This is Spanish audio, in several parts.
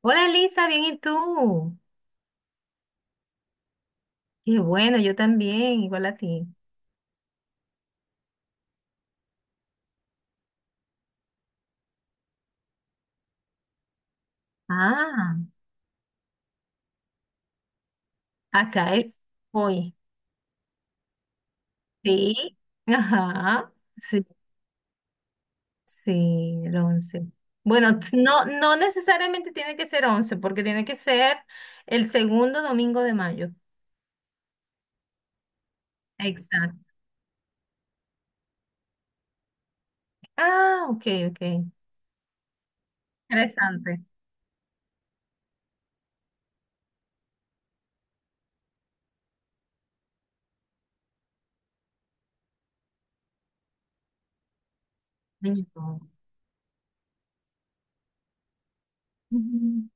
Hola Elisa, bien, ¿y tú? Qué bueno, yo también, igual a ti. Ah, acá es hoy. Sí, ajá, sí, sí, el 11. Bueno, no, no necesariamente tiene que ser 11, porque tiene que ser el segundo domingo de mayo. Exacto. Ah, ok, ok. Interesante. Niño. Ujú.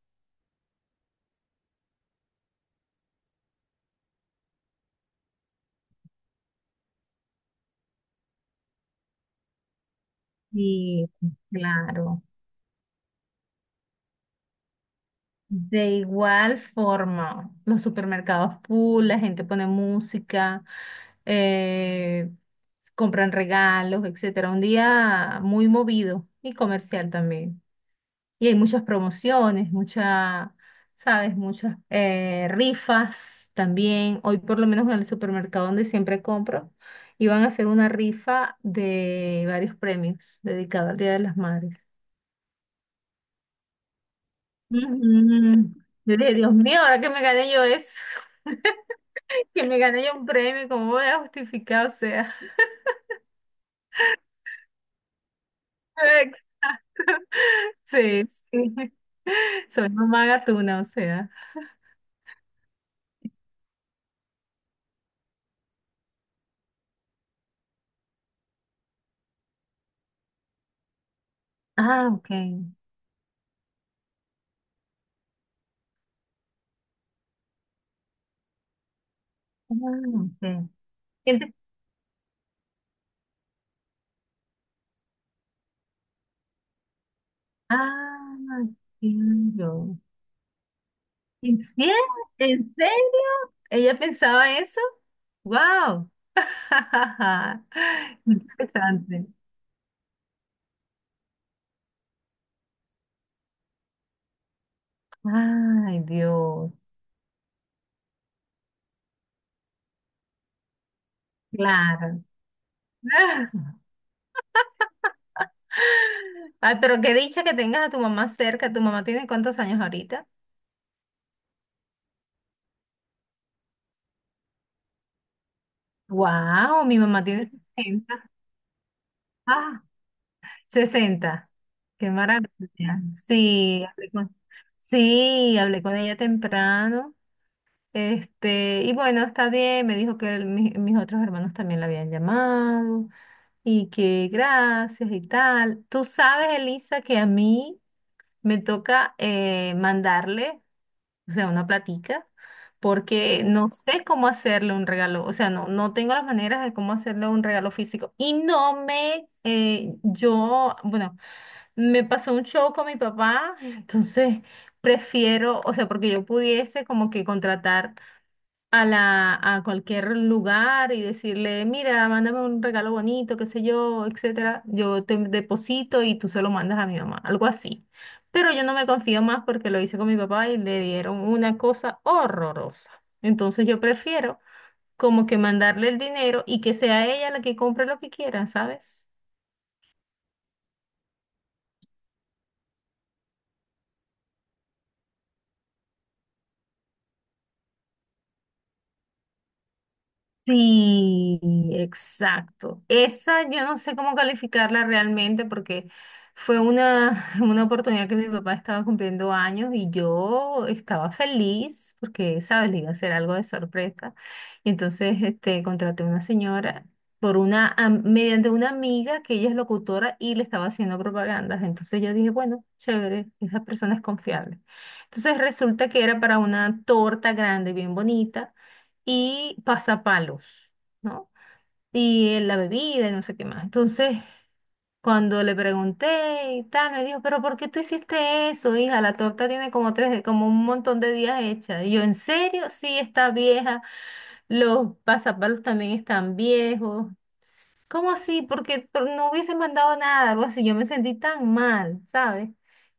Sí, claro. De igual forma, los supermercados full, la gente pone música, eh, compran regalos, etcétera. Un día muy movido y comercial también. Y hay muchas promociones, muchas, ¿sabes? Muchas rifas también. Hoy por lo menos en el supermercado donde siempre compro, iban a hacer una rifa de varios premios dedicado al Día de las Madres. Ujú. Yo dije, Dios mío, ahora que me gané yo eso, que me gané yo un premio, ¿cómo voy a justificar? O sea, exacto. Sí, sí. Soy mamá gatuna, o sea. Ah, ok. Ah, ok. Ent- Ah, entiendo. ¿En serio? ¿En serio? ¿Ella pensaba eso? ¡Wow! Interesante. Ay, Dios. Claro. Ay, pero qué dicha que tengas a tu mamá cerca. ¿Tu mamá tiene cuántos años ahorita? Wow, mi mamá tiene 60. Ah, 60. Qué maravilla. Sí, hablé con, sí, hablé con ella temprano. Este, y bueno, está bien. Me dijo que mis otros hermanos también la habían llamado y que gracias y tal. Tú sabes, Elisa, que a mí me toca mandarle. O sea, una platica, porque sí. No sé cómo hacerle un regalo, o sea, no, no tengo las maneras de cómo hacerle un regalo físico. Y no me, yo, bueno, me pasó un show con mi papá, entonces prefiero, o sea, porque yo pudiese como que contratar a la, a cualquier lugar y decirle, mira, mándame un regalo bonito, qué sé yo, etcétera, yo te deposito y tú se lo mandas a mi mamá, algo así. Pero yo no me confío más porque lo hice con mi papá y le dieron una cosa horrorosa. Entonces yo prefiero como que mandarle el dinero y que sea ella la que compre lo que quiera, ¿sabes? Sí, exacto. Esa yo no sé cómo calificarla realmente porque fue una, una oportunidad que mi papá estaba cumpliendo años y yo estaba feliz porque, ¿sabes? Le iba a hacer algo de sorpresa. Y entonces este, contraté a una señora por una, mediante una amiga que ella es locutora y le estaba haciendo propagandas. Entonces yo dije, bueno, chévere, esa persona es confiable. Entonces resulta que era para una torta grande, bien bonita y pasapalos, ¿no? Y la bebida y no sé qué más. Entonces, cuando le pregunté y tal, me dijo, pero ¿por qué tú hiciste eso, hija? La torta tiene como tres, como un montón de días hecha. Y yo, ¿en serio? Sí, está vieja. Los pasapalos también están viejos. ¿Cómo así? Porque no hubiese mandado nada, algo así. Yo me sentí tan mal, ¿sabes?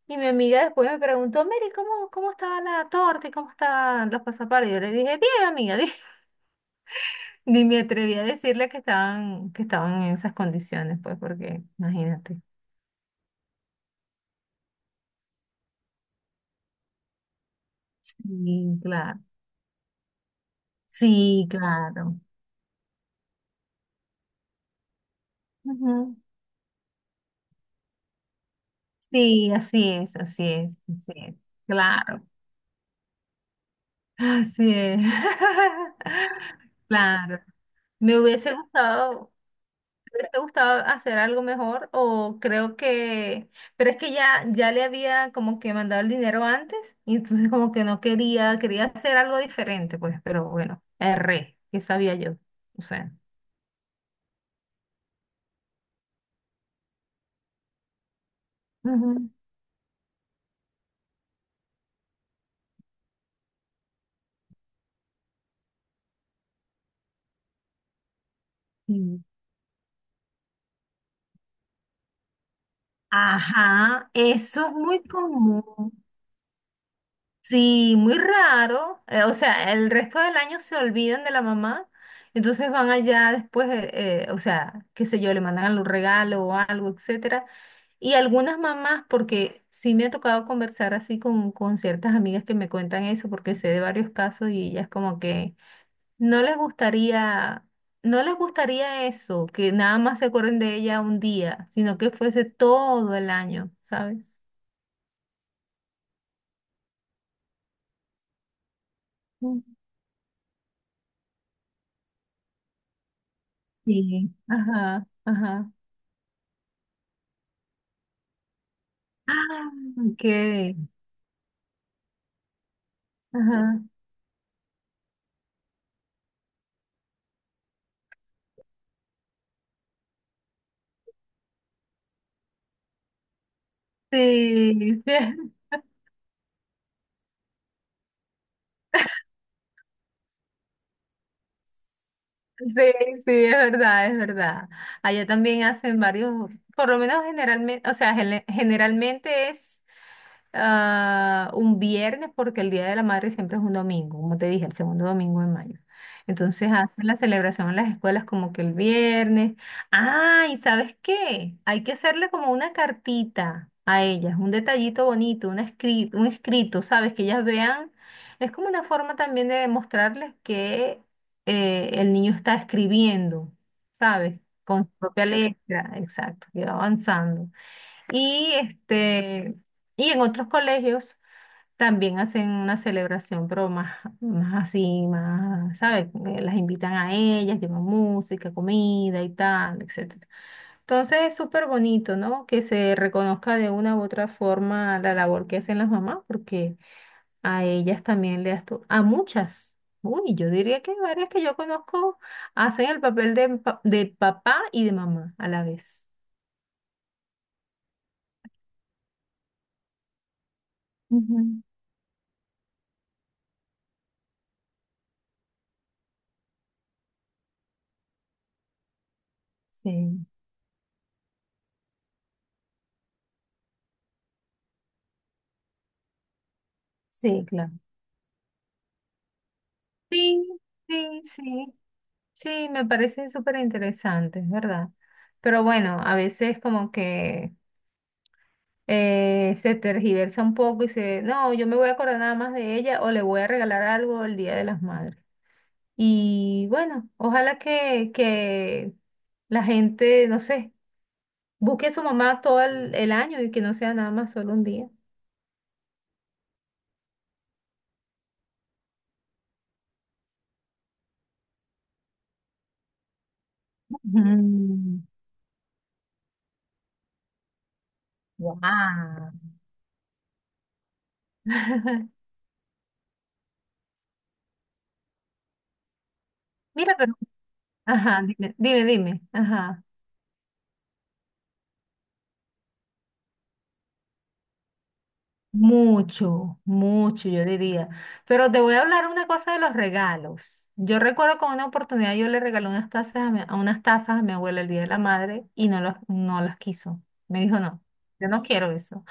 Y mi amiga después me preguntó, Mary, ¿cómo estaba la torta y cómo estaban los pasapalos? Y yo le dije, bien, amiga, bien. Ni me atreví a decirle que estaban en esas condiciones, pues, porque imagínate. Sí, claro. Sí, claro. Ujú. Sí, así es, así es, así es. Claro, así es. Claro. Me hubiese gustado, ¿te gustaba hacer algo mejor? O creo que, pero es que ya, ya le había como que mandado el dinero antes y entonces como que no quería, quería hacer algo diferente, pues, pero bueno, erré, que sabía yo? O sea. Ujú, sí. Ajá, eso es muy común. Sí, muy raro. O sea, el resto del año se olvidan de la mamá. Entonces van allá después, o sea, qué sé yo, le mandan algún regalo o algo, etcétera. Y algunas mamás, porque sí me ha tocado conversar así con ciertas amigas que me cuentan eso, porque sé de varios casos y ellas como que no les gustaría, no les gustaría eso, que nada más se acuerden de ella un día, sino que fuese todo el año, ¿sabes? Mm, sí. Ajá, ajá. Ah, ok. Ajá. Sí, sí, sí, sí, es verdad, es verdad. Allá también hacen varios, por lo menos generalmente, o sea, generalmente es ah, un viernes, porque el Día de la Madre siempre es un domingo, como te dije, el segundo domingo de mayo. Entonces hacen la celebración en las escuelas como que el viernes. Ah, ¿y sabes qué? Hay que hacerle como una cartita a ellas, un detallito bonito, un escrito, ¿sabes? Que ellas vean. Es como una forma también de demostrarles que el niño está escribiendo, ¿sabes? Con su propia letra, exacto, que va avanzando. Y este, y en otros colegios también hacen una celebración, pero más, más así, más, ¿sabes? Las invitan a ellas, llevan música, comida y tal, etcétera. Entonces es súper bonito, ¿no? Que se reconozca de una u otra forma la labor que hacen las mamás, porque a ellas también le das a muchas. Uy, yo diría que varias que yo conozco hacen el papel de, de papá y de mamá a la vez. Ujú. Sí, sí, claro. Sí, sí, sí, sí, me parece súper interesante, es verdad. Pero bueno, a veces como que se tergiversa un poco y se, no, yo me voy a acordar nada más de ella o le voy a regalar algo el Día de las Madres. Y bueno, ojalá que la gente, no sé, busque a su mamá todo el año y que no sea nada más solo un día. Mm. Mira, pero, ajá, dime, dime, dime, ajá. Mucho, mucho, yo diría. Pero te voy a hablar una cosa de los regalos. Yo recuerdo con una oportunidad yo le regalé unas tazas a, mi- a unas tazas a mi abuela el Día de la Madre y no las, no las quiso. Me dijo, no, yo no quiero eso.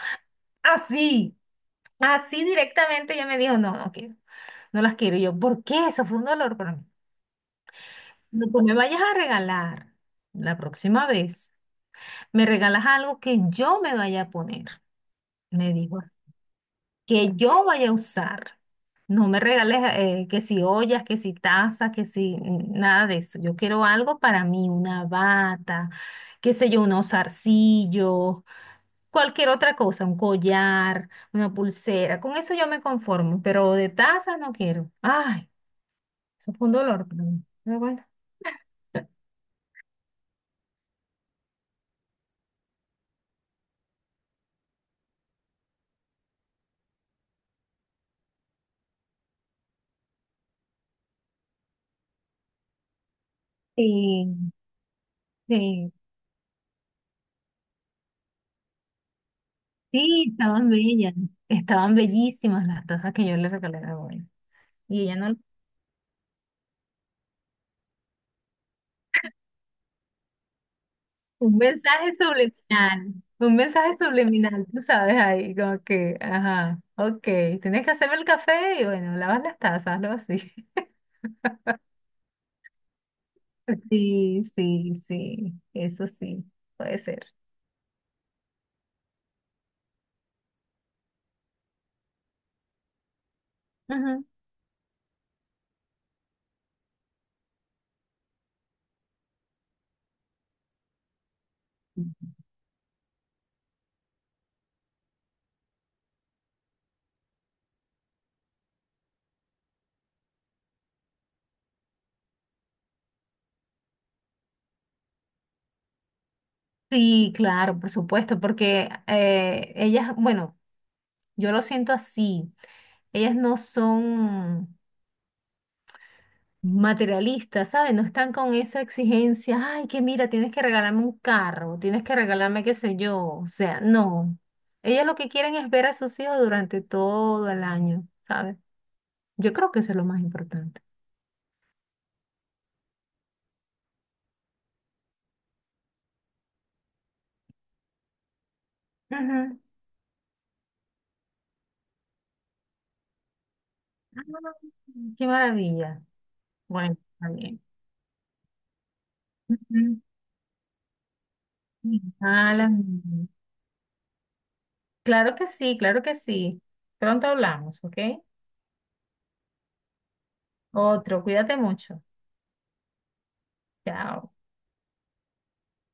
Así, así directamente ella me dijo, no, no quiero, no las quiero. Y yo, ¿por qué? Eso fue un dolor para mí. No, pues me vayas a regalar la próxima vez, me regalas algo que yo me vaya a poner, me dijo que yo vaya a usar. No me regales que si ollas, que si tazas, que si mm, nada de eso. Yo quiero algo para mí, una bata, qué sé yo, unos zarcillos, cualquier otra cosa, un collar, una pulsera. Con eso yo me conformo, pero de tazas no quiero. Ay, eso fue un dolor para mí. Pero bueno. Sí, sí, sí, estaban bellas, estaban bellísimas las tazas que yo le regalé a la abuela. Y ella no. Un mensaje subliminal, un mensaje subliminal, tú sabes, ahí como que, ajá, ok, tienes que hacerme el café y bueno, lavas las tazas, algo así. Sí, sí, sí, eso sí, puede ser. Ujú. Sí, claro, por supuesto, porque ellas, bueno, yo lo siento así, ellas no son... materialistas, ¿sabes? No están con esa exigencia, ay, que mira, tienes que regalarme un carro, tienes que regalarme qué sé yo, o sea, no. Ellas lo que quieren es ver a sus hijos durante todo el año, ¿sabes? Yo creo que eso es lo más importante. Ujú. Ah, qué maravilla. Bueno, está bien. Ujú. Ah, la mía. Claro que sí, claro que sí. Pronto hablamos, ¿ok? Otro, cuídate mucho. Chao.